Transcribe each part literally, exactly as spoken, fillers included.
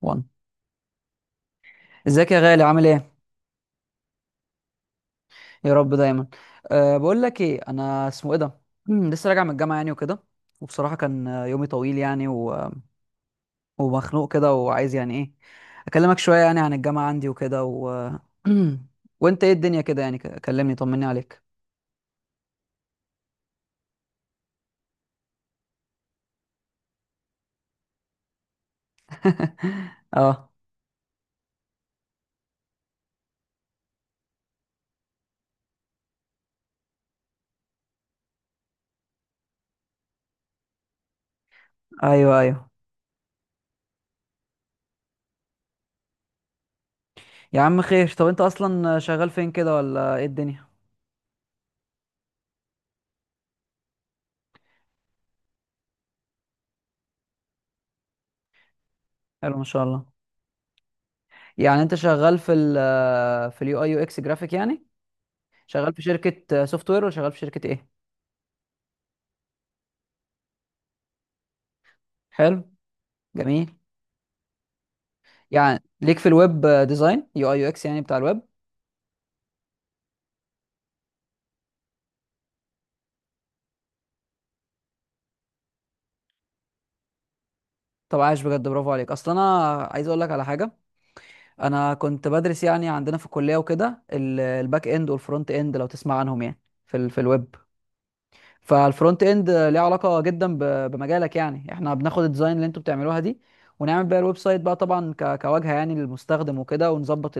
وان. ازيك يا غالي؟ عامل ايه؟ يا رب دايما. أه، بقول لك ايه، انا اسمه ايه ده، مم، لسه راجع من الجامعه يعني وكده. وبصراحه كان آه، يومي طويل يعني و... ومخنوق كده، وعايز يعني ايه، اكلمك شويه يعني عن الجامعه عندي وكده، و... وانت ايه الدنيا كده يعني، ك- كلمني طمني عليك. اه، ايوه، ايوه. يا عم خير. طب انت اصلا شغال فين كده، ولا ايه الدنيا؟ حلو، ما شاء الله. يعني انت شغال في ال في اليو اي يو اكس جرافيك يعني، شغال في شركه سوفت وير، ولا شغال في شركه ايه؟ حلو، جميل. يعني ليك في الويب ديزاين، يو اي يو اكس يعني، بتاع الويب. طب عايش بجد، برافو عليك. اصل انا عايز اقول لك على حاجه. انا كنت بدرس يعني عندنا في الكليه وكده، ال- الباك اند والفرونت اند لو تسمع عنهم يعني، في ال في الويب. فالفرونت اند ليه علاقه جدا ب- بمجالك يعني، احنا بناخد الديزاين اللي انتوا بتعملوها دي، ونعمل بيها الويب سايت بقى، طبعا ك- كواجهه يعني للمستخدم وكده، ونظبط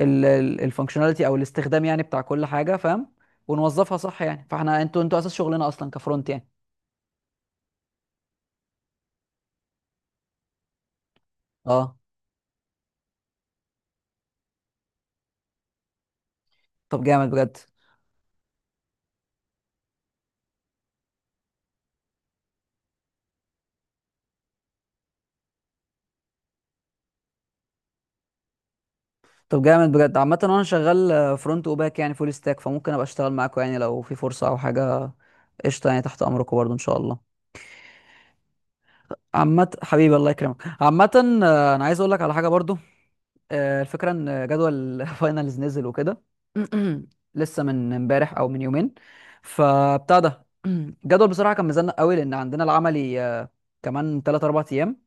الفانكشناليتي او الاستخدام يعني بتاع كل حاجه، فاهم؟ ونوظفها صح يعني. فاحنا انتوا انتوا اساس شغلنا اصلا كفرونت يعني. اه، طب جامد بجد طب جامد بجد عامة، وانا شغال فرونت وباك يعني فول ستاك، فممكن ابقى اشتغل معاكم يعني لو في فرصة او حاجة. قشطة يعني، تحت امركم برضو ان شاء الله. عامة حبيبي الله يكرمك. عامة آه، انا عايز اقول لك على حاجة برضو. آه، الفكرة ان جدول فاينلز نزل وكده. لسه من امبارح او من يومين. فبتاع ده، الجدول بصراحة كان مزنق قوي، لان عندنا العملي آه، كمان ثلاثه اربعه ايام.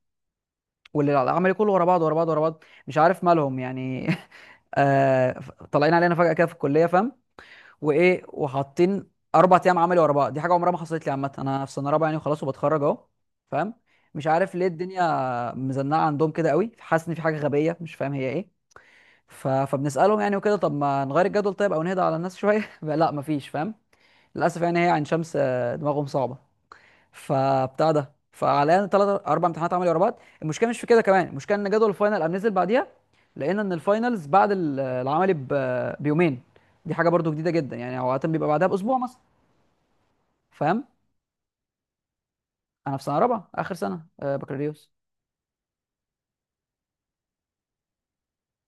والعملي كله ورا بعض ورا بعض ورا بعض، مش عارف مالهم يعني. آه، طالعين علينا فجأة كده في الكلية، فاهم؟ وايه؟ وحاطين اربع ايام عملي ورا بعض، دي حاجه عمرها ما حصلت لي، عامه انا في سنه رابعه يعني وخلاص وبتخرج اهو. فاهم؟ مش عارف ليه الدنيا مزنقه عندهم كده قوي، حاسس ان في حاجه غبيه مش فاهم هي ايه. ف... فبنسالهم يعني وكده: طب ما نغير الجدول طيب، او نهدى على الناس شويه؟ لا مفيش، فاهم؟ للاسف يعني، هي عين شمس، آه، دماغهم صعبه. فبتاع ده، فعلينا ثلاث اربع امتحانات عملي ورا بعض، المشكله مش في كده كمان، المشكله ان جدول الفاينل قام نزل بعديها. لقينا ان الفاينلز بعد ال- العملي ب- بيومين. دي حاجه برضو جديده جدا يعني، عاده بيبقى بعدها باسبوع مثلا. فاهم؟ انا في سنه رابعه، اخر سنه آه، بكالوريوس.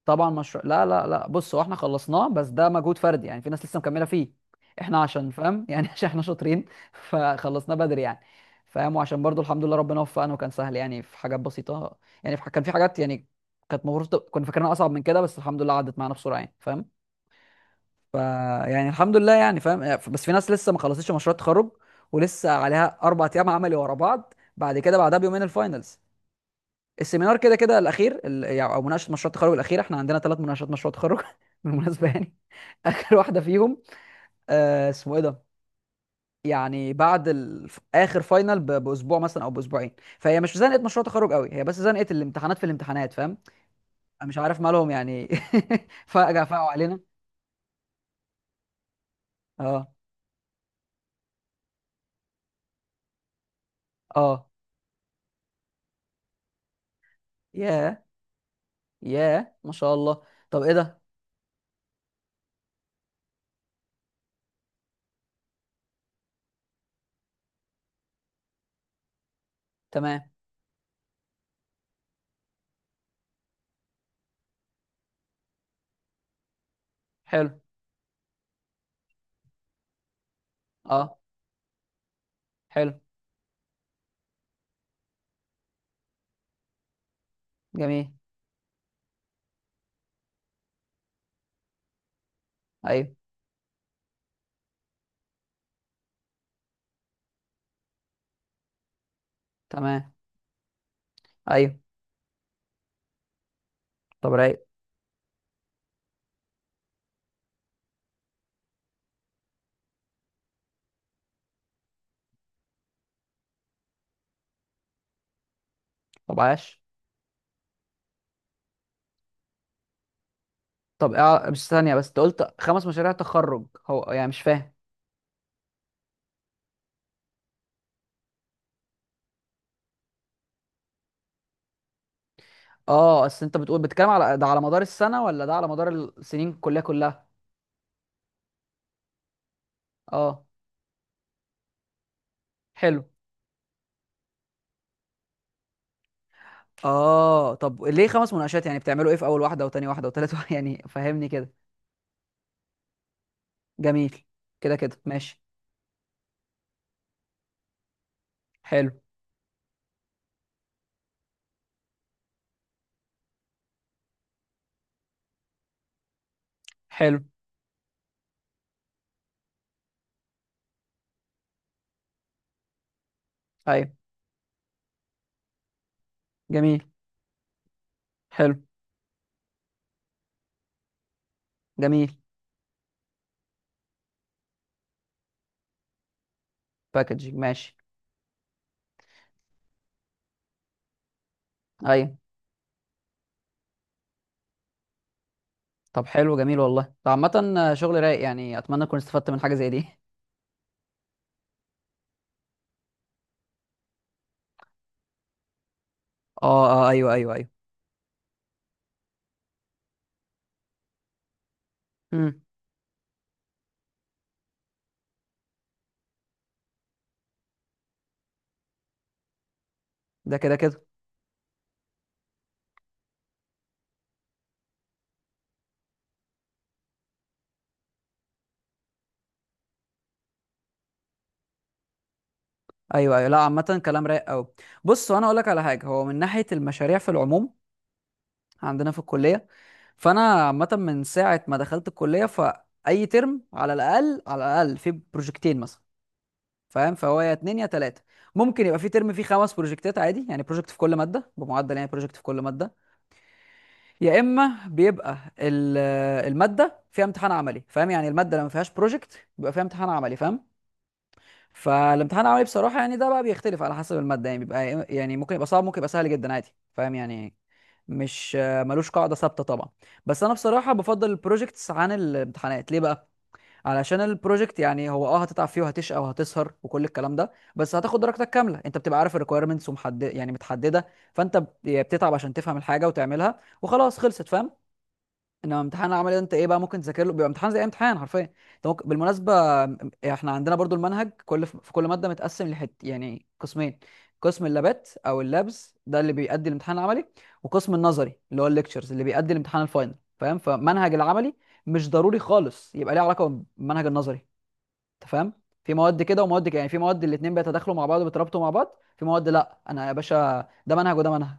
طبعا مشروع لا لا لا، بص هو احنا خلصناه، بس ده مجهود فردي يعني، في ناس لسه مكمله فيه. احنا عشان فاهم يعني عشان احنا شاطرين، فخلصناه بدري يعني. فاهم؟ وعشان برضو الحمد لله ربنا وفقنا، وكان سهل يعني في حاجات بسيطه. يعني في ح- كان في حاجات يعني، كانت المفروض تبقى- كنا فاكرينها اصعب من كده، بس الحمد لله عدت معانا بسرعه يعني، فاهم؟ ف يعني الحمد لله يعني، فاهم؟ بس في ناس لسه ما خلصتش مشروع التخرج، ولسه عليها اربع ايام عملي ورا بعض، بعد كده بعدها بيومين الفاينلز. السيمينار كده كده الاخير، ال- يعني او مناقشه مشروع التخرج الاخيره. احنا عندنا ثلاث مناقشات مشروع تخرج بالمناسبه يعني. اخر واحده فيهم، آه اسمه ايه ده، يعني بعد ال... اخر فاينل ب... باسبوع مثلا او باسبوعين. فهي مش زنقه مشروع تخرج قوي، هي بس زنقه الامتحانات، في الامتحانات فاهم؟ أنا مش عارف مالهم يعني. فجاه فقعوا علينا. اه، اه، ياه، ياه، ما شاء الله. طب ايه ده؟ تمام. حلو. اه، حلو. جميل. ايوه. تمام. ايوه. طب رايق. طب عاش. طب اع- بس ثانية، بس انت قلت خمس مشاريع تخرج، هو يعني مش فاهم. اه، اصل انت بتقول بتتكلم على ده، على مدار السنة، ولا ده على مدار السنين كلها كلها؟ اه، حلو. اه، طب ليه خمس مناقشات؟ يعني بتعملوا ايه في اول واحدة، وتاني واحدة، وتالت واحدة؟ يعني فهمني كده. جميل. كده كده، ماشي. حلو. حلو. ايوه. جميل. حلو. جميل. باكجينج، ماشي. ايوه. طب حلو، جميل والله. ده عامة شغل رايق يعني، اتمنى اكون استفدت من حاجة زي دي. اه، اه، ايوه، ايوه، ايوه، امم ده كده كده. ايوه، ايوه، لا، عامه كلام رايق قوي. بص وانا اقول لك على حاجه، هو من ناحيه المشاريع في العموم عندنا في الكليه، فانا عامه من ساعه ما دخلت الكليه، فاي ترم على الاقل على الاقل في بروجكتين مثلا، فاهم؟ فهو يا اتنين يا تلاته، ممكن يبقى في ترم فيه خمس بروجكتات عادي يعني، بروجكت في كل ماده بمعدل يعني، بروجكت في كل ماده. يا اما بيبقى ال- الماده فيها امتحان عملي، فاهم؟ يعني الماده لما فيهاش بروجكت بيبقى فيها امتحان عملي، فاهم؟ فالامتحان العملي بصراحه يعني، ده بقى بيختلف على حسب الماده يعني، بيبقى إيه، يعني ممكن يبقى صعب، ممكن يبقى سهل جدا عادي، فاهم يعني؟ مش ملوش قاعده ثابته طبعا. بس انا بصراحه بفضل البروجكتس عن الامتحانات. ليه بقى؟ علشان البروجكت يعني، هو اه هتتعب فيه وهتشقى وهتسهر وكل الكلام ده، بس هتاخد درجتك كامله. انت بتبقى عارف الريكويرمنتس ومحدد يعني متحدده. فانت بت- بتتعب عشان تفهم الحاجه وتعملها وخلاص خلصت، فاهم؟ انما امتحان العملي ده انت ايه بقى؟ ممكن تذاكر له، بيبقى امتحان زي أي امتحان حرفيا. انت ممكن بالمناسبه، م- احنا عندنا برضو المنهج، كل ف- في كل ماده متقسم لحت يعني قسمين. قسم اللابات او اللابز ده اللي بيأدي الامتحان العملي، وقسم النظري اللي هو الليكتشرز اللي بيأدي الامتحان الفاينل، فاهم؟ فمنهج العملي مش ضروري خالص يبقى ليه علاقه بالمنهج النظري. انت فاهم؟ في مواد كده ومواد كده يعني، في مواد الاتنين بيتداخلوا مع بعض وبيترابطوا مع بعض، في مواد لا، انا يا باشا ده منهج وده منهج.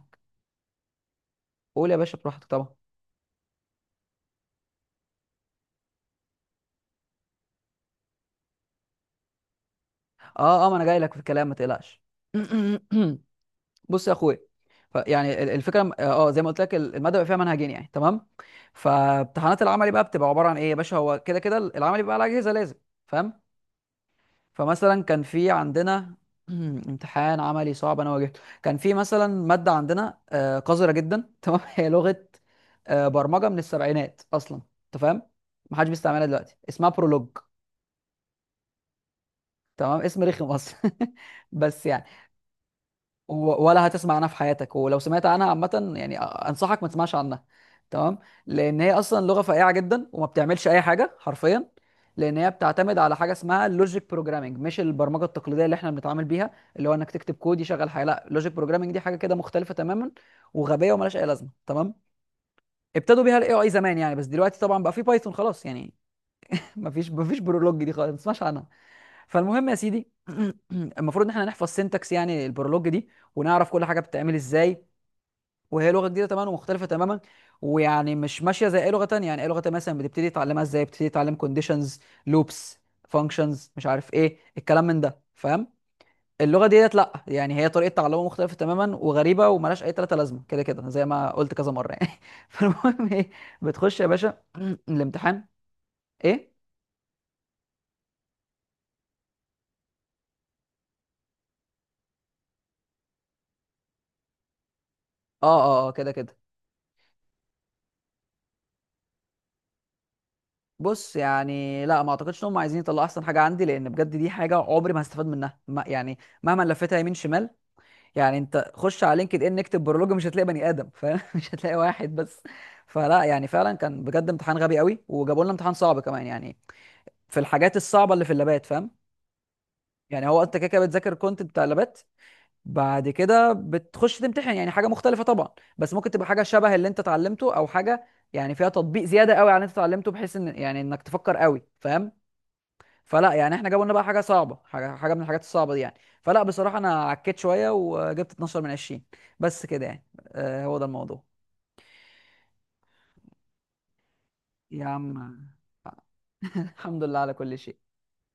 قول يا باشا براحتك طبعا. اه، اه، ما انا جاي لك في الكلام ما تقلقش. بص يا اخويا، ف- يعني ال- الفكره م- اه آه، زي ما قلت لك، ال- الماده بيبقى فيها منهجين يعني، تمام. فامتحانات العملي بقى بتبقى عباره عن ايه يا باشا. هو كده كده ال- العملي بيبقى على اجهزه لازم. فاهم؟ فمثلا كان في عندنا امتحان عملي صعب انا واجهته، كان في مثلا ماده عندنا آه، قذره جدا تمام، هي لغه آه، برمجه من السبعينات اصلا، انت فاهم؟ محدش بيستعملها دلوقتي، اسمها برولوج. تمام، اسم رخم اصلا. بس يعني، و- ولا هتسمع عنها في حياتك، ولو سمعت عنها عامة يعني أنصحك ما تسمعش عنها. تمام. لأن هي أصلا لغة فقيعة جدا وما بتعملش أي حاجة حرفيا. لأن هي بتعتمد على حاجة اسمها اللوجيك بروجرامنج، مش البرمجة التقليدية اللي احنا بنتعامل بيها، اللي هو إنك تكتب كود يشغل حاجة. لا، اللوجيك بروجرامنج دي حاجة كده مختلفة تماما، وغبية وملهاش أي لازمة. تمام. ابتدوا بيها الاي اي زمان يعني، بس دلوقتي طبعا بقى في بايثون خلاص يعني. مفيش مفيش برولوج دي خالص، ما تسمعش عنها. فالمهم يا سيدي، المفروض ان احنا نحفظ سينتاكس يعني البرولوج دي، ونعرف كل حاجه بتتعمل ازاي. وهي لغه جديده تماما ومختلفه تماما. ويعني مش ماشيه زي اي لغه تانية. يعني اي لغه تانية مثلا بتبتدي تتعلمها ازاي؟ بتبتدي تتعلم كونديشنز، لوبس، فانكشنز، مش عارف ايه الكلام من ده، فاهم؟ اللغه ديت لا، يعني هي طريقه تعلمها مختلفه تماما وغريبه وملهاش اي تلاته لازمه، كده كده زي ما قلت كذا مره يعني. فالمهم ايه، بتخش يا باشا الامتحان. ايه، اه، اه، اه، كده كده. بص يعني لا، ما اعتقدش ان هم عايزين يطلعوا احسن حاجه عندي، لان بجد دي حاجه عمري ما هستفاد منها، ما يعني مهما لفتها يمين شمال. يعني انت خش على لينكد ان، اكتب برولوج، مش هتلاقي بني ادم، فاهم؟ مش هتلاقي واحد بس. فلا يعني فعلا كان بجد امتحان غبي قوي، وجابوا لنا امتحان صعب كمان يعني، في الحاجات الصعبه اللي في اللابات، فاهم؟ يعني هو انت كده كده بتذاكر الكونتنت بتاع اللابات، بعد كده بتخش تمتحن يعني حاجه مختلفه طبعا، بس ممكن تبقى حاجه شبه اللي انت اتعلمته، او حاجه يعني فيها تطبيق زياده قوي على اللي انت اتعلمته، بحيث ان يعني انك تفكر قوي، فاهم؟ فلا يعني احنا جابوا لنا بقى حاجه صعبه، حاجه حاجه من الحاجات الصعبه دي يعني. فلا بصراحه انا عكيت شويه وجبت اتناشر من عشرين. بس كده يعني. آه، هو ده الموضوع. يا عم، الحمد لله على كل شيء.